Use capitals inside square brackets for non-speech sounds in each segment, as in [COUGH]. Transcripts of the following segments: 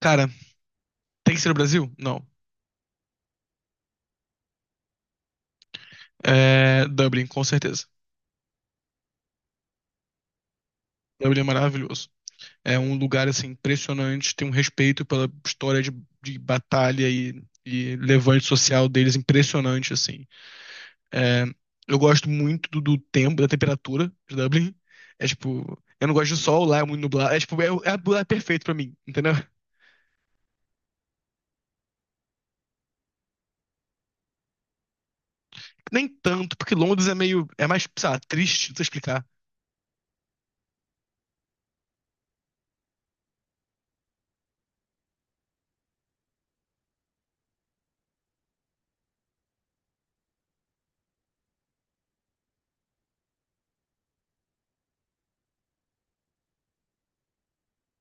Cara, tem que ser o Brasil? Não. É Dublin, com certeza. Dublin é maravilhoso. É um lugar assim impressionante, tem um respeito pela história de batalha e levante social deles impressionante assim. É, eu gosto muito do tempo, da temperatura de Dublin. É tipo, eu não gosto de sol, lá é muito nublado. É tipo, é perfeito pra mim, entendeu? Nem tanto, porque Londres é meio, é mais, sei lá, triste, não sei explicar.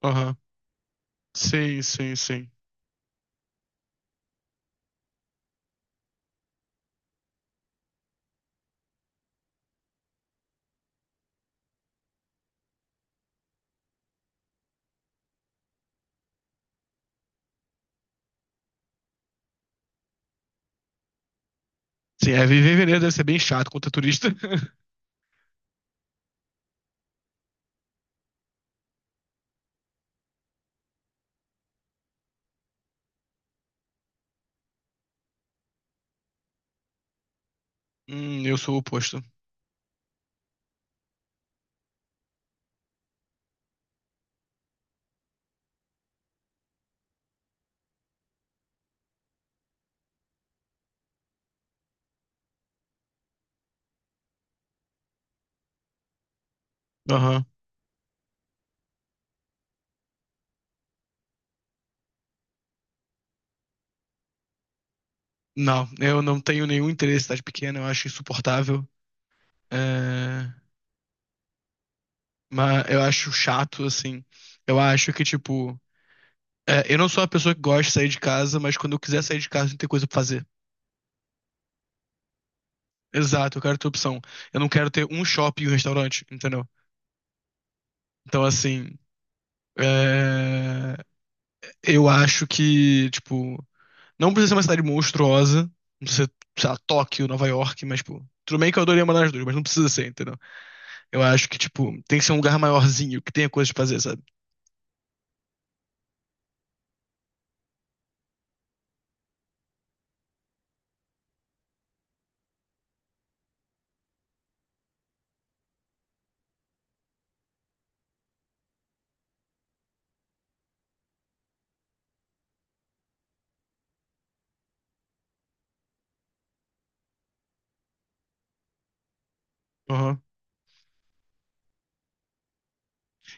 Aham. Sim, sim, sim. Sim, é, viver em Veneza deve ser bem chato contra turista. [LAUGHS] Eu sou o oposto. Aham. Não, eu não tenho nenhum interesse em cidade pequena, eu acho insuportável. É... Mas eu acho chato, assim. Eu acho que, tipo, é, eu não sou uma pessoa que gosta de sair de casa, mas quando eu quiser sair de casa, tem que ter coisa pra fazer. Exato, eu quero ter opção. Eu não quero ter um shopping e um restaurante, entendeu? Então, assim, é... eu acho que, tipo, não precisa ser uma cidade monstruosa. Não precisa ser, sei lá, Tóquio, Nova York, mas, tipo, tudo bem que eu adoraria morar nas duas, mas não precisa ser, entendeu? Eu acho que, tipo, tem que ser um lugar maiorzinho, que tenha coisa pra fazer, sabe? Aham.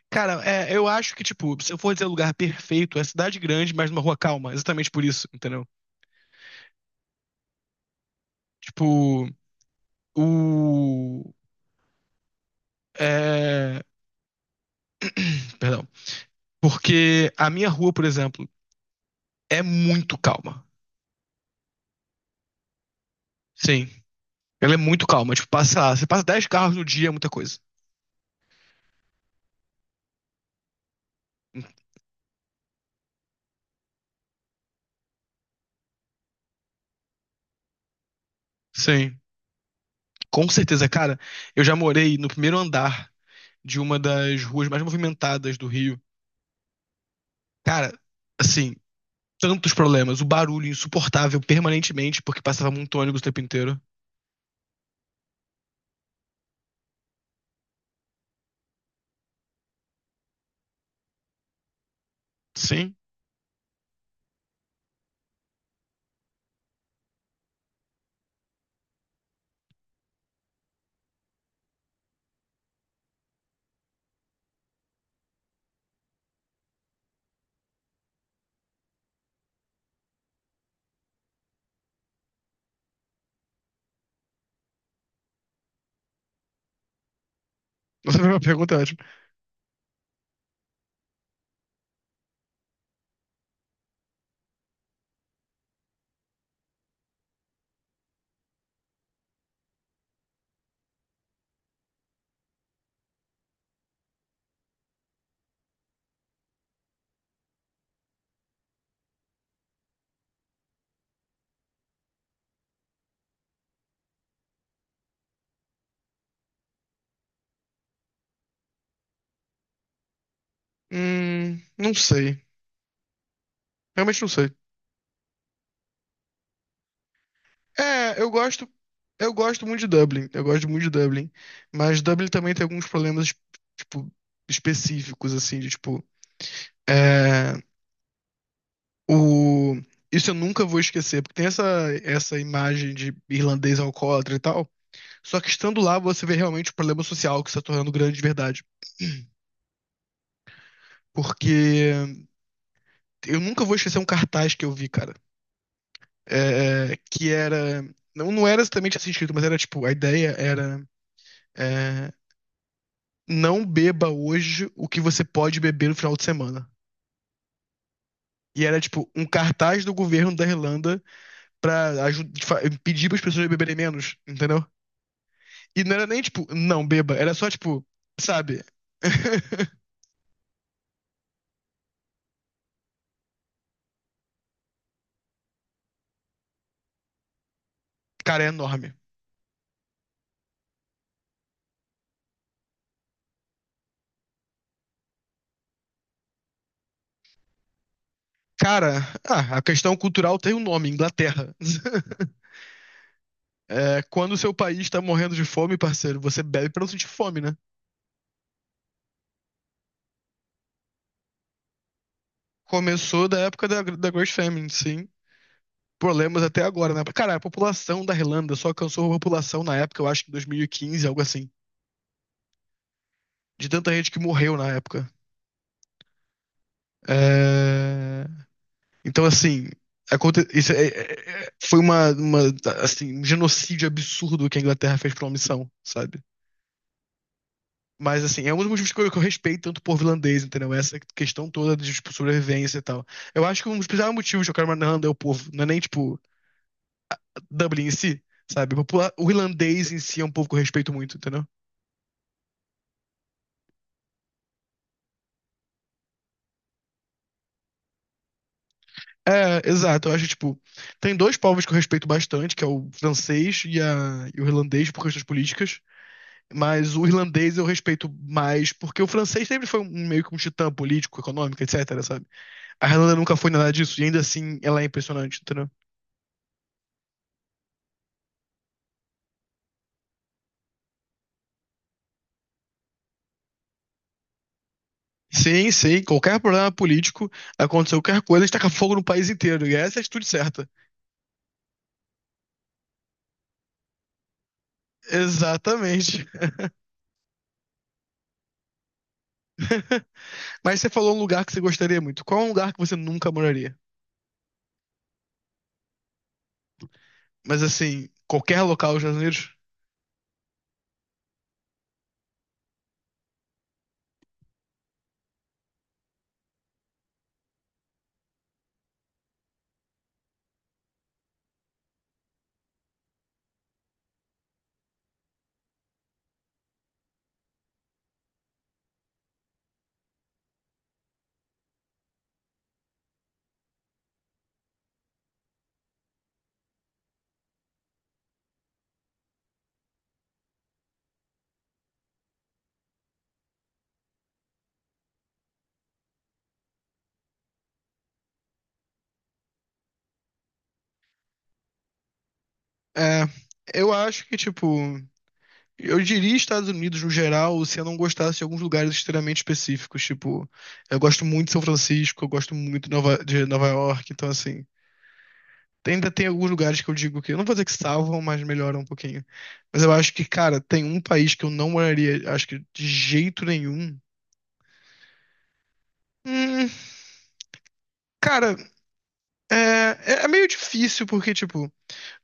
Cara, é, eu acho que, tipo, se eu for dizer lugar perfeito, é cidade grande, mas numa rua calma. Exatamente por isso, entendeu? Tipo. O. É... [CLEARS THROAT] Perdão. Porque a minha rua, por exemplo, é muito calma. Sim. Ela é muito calma. Tipo, você passa 10 carros no dia, é muita coisa. Sim. Com certeza, cara. Eu já morei no primeiro andar de uma das ruas mais movimentadas do Rio. Cara, assim, tantos problemas. O barulho insuportável permanentemente, porque passava muito ônibus o tempo inteiro. Sim. Essa é uma pergunta ótima. Não sei. Realmente não sei. É, eu gosto Eu gosto muito de Dublin, eu gosto muito de Dublin, mas Dublin também tem alguns problemas, tipo, específicos, assim, de tipo, é, o... Isso eu nunca vou esquecer, porque tem essa imagem de irlandês alcoólatra e tal, só que estando lá você vê realmente o problema social que está tornando grande de verdade. [CLEARS THROAT] Porque eu nunca vou esquecer um cartaz que eu vi, cara, é, que era... Não, não era exatamente assim escrito, mas era tipo, a ideia era... eh, não beba hoje o que você pode beber no final de semana. E era tipo um cartaz do governo da Irlanda pra pedir pras pessoas beberem menos, entendeu? E não era nem tipo, não beba, era só tipo, sabe? [LAUGHS] Cara, é enorme. Cara, ah, a questão cultural tem um nome, Inglaterra. [LAUGHS] É, quando o seu país tá morrendo de fome, parceiro, você bebe pra não sentir fome, né? Começou da época da Great Famine, sim. Problemas até agora, né? Cara, a população da Irlanda só alcançou a população na época, eu acho que em 2015, algo assim. De tanta gente que morreu na época. É, então, assim, foi assim, um genocídio absurdo que a Inglaterra fez pra uma missão, sabe? Mas, assim, é um dos motivos que eu respeito tanto o povo irlandês, entendeu? Essa questão toda de tipo, sobrevivência e tal. Eu acho que um dos principais motivos que eu quero morar na Irlanda é o povo, não é nem, tipo, Dublin em si, sabe? O irlandês em si é um povo que eu respeito muito, entendeu? É, exato. Eu acho, tipo, tem dois povos que eu respeito bastante, que é o francês e o irlandês por questões políticas. Mas o irlandês eu respeito mais, porque o francês sempre foi meio que um titã político, econômico, etc, sabe? A Irlanda nunca foi nada disso, e ainda assim ela é impressionante, entendeu? Sim, sim, qualquer problema político, aconteceu qualquer coisa, a gente taca fogo no país inteiro, e essa é a atitude certa. Exatamente. [LAUGHS] Mas você falou um lugar que você gostaria muito. Qual é um lugar que você nunca moraria? Mas assim, qualquer local dos Estados Unidos? É, eu acho que, tipo, eu diria Estados Unidos no geral, se eu não gostasse de alguns lugares extremamente específicos, tipo, eu gosto muito de São Francisco, eu gosto muito de de Nova York, então assim, ainda tem alguns lugares que eu digo que, eu não vou dizer que salvam, mas melhoram um pouquinho. Mas eu acho que, cara, tem um país que eu não moraria, acho que de jeito nenhum. Hum, cara, é meio difícil, porque, tipo,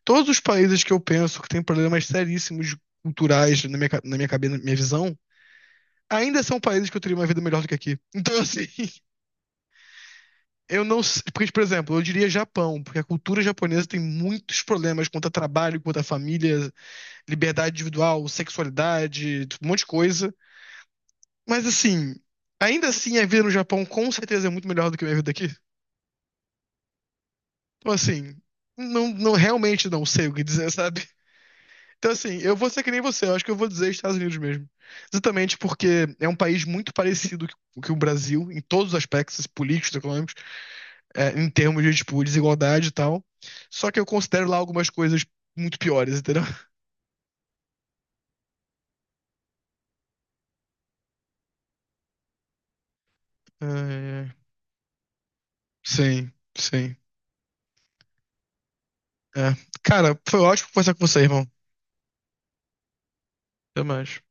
todos os países que eu penso que tem problemas seríssimos culturais na na minha cabeça, na minha visão, ainda são países que eu teria uma vida melhor do que aqui. Então, assim, [LAUGHS] eu não sei. Porque, por exemplo, eu diria Japão, porque a cultura japonesa tem muitos problemas quanto a trabalho, quanto a família, liberdade individual, sexualidade, um monte de coisa. Mas, assim, ainda assim, a vida no Japão com certeza é muito melhor do que a minha vida aqui. Então, assim, não realmente não sei o que dizer, [LAUGHS] sabe? Então, assim, eu vou ser que nem você, eu acho que eu vou dizer Estados Unidos mesmo. Exatamente porque é um país muito parecido com o Brasil, em todos os aspectos políticos, econômicos. É, em termos de, tipo, desigualdade e tal. Só que eu considero lá algumas coisas muito piores, entendeu? Ai, ai. Sim, sim. É. Cara, foi ótimo conversar com você, irmão. Até mais.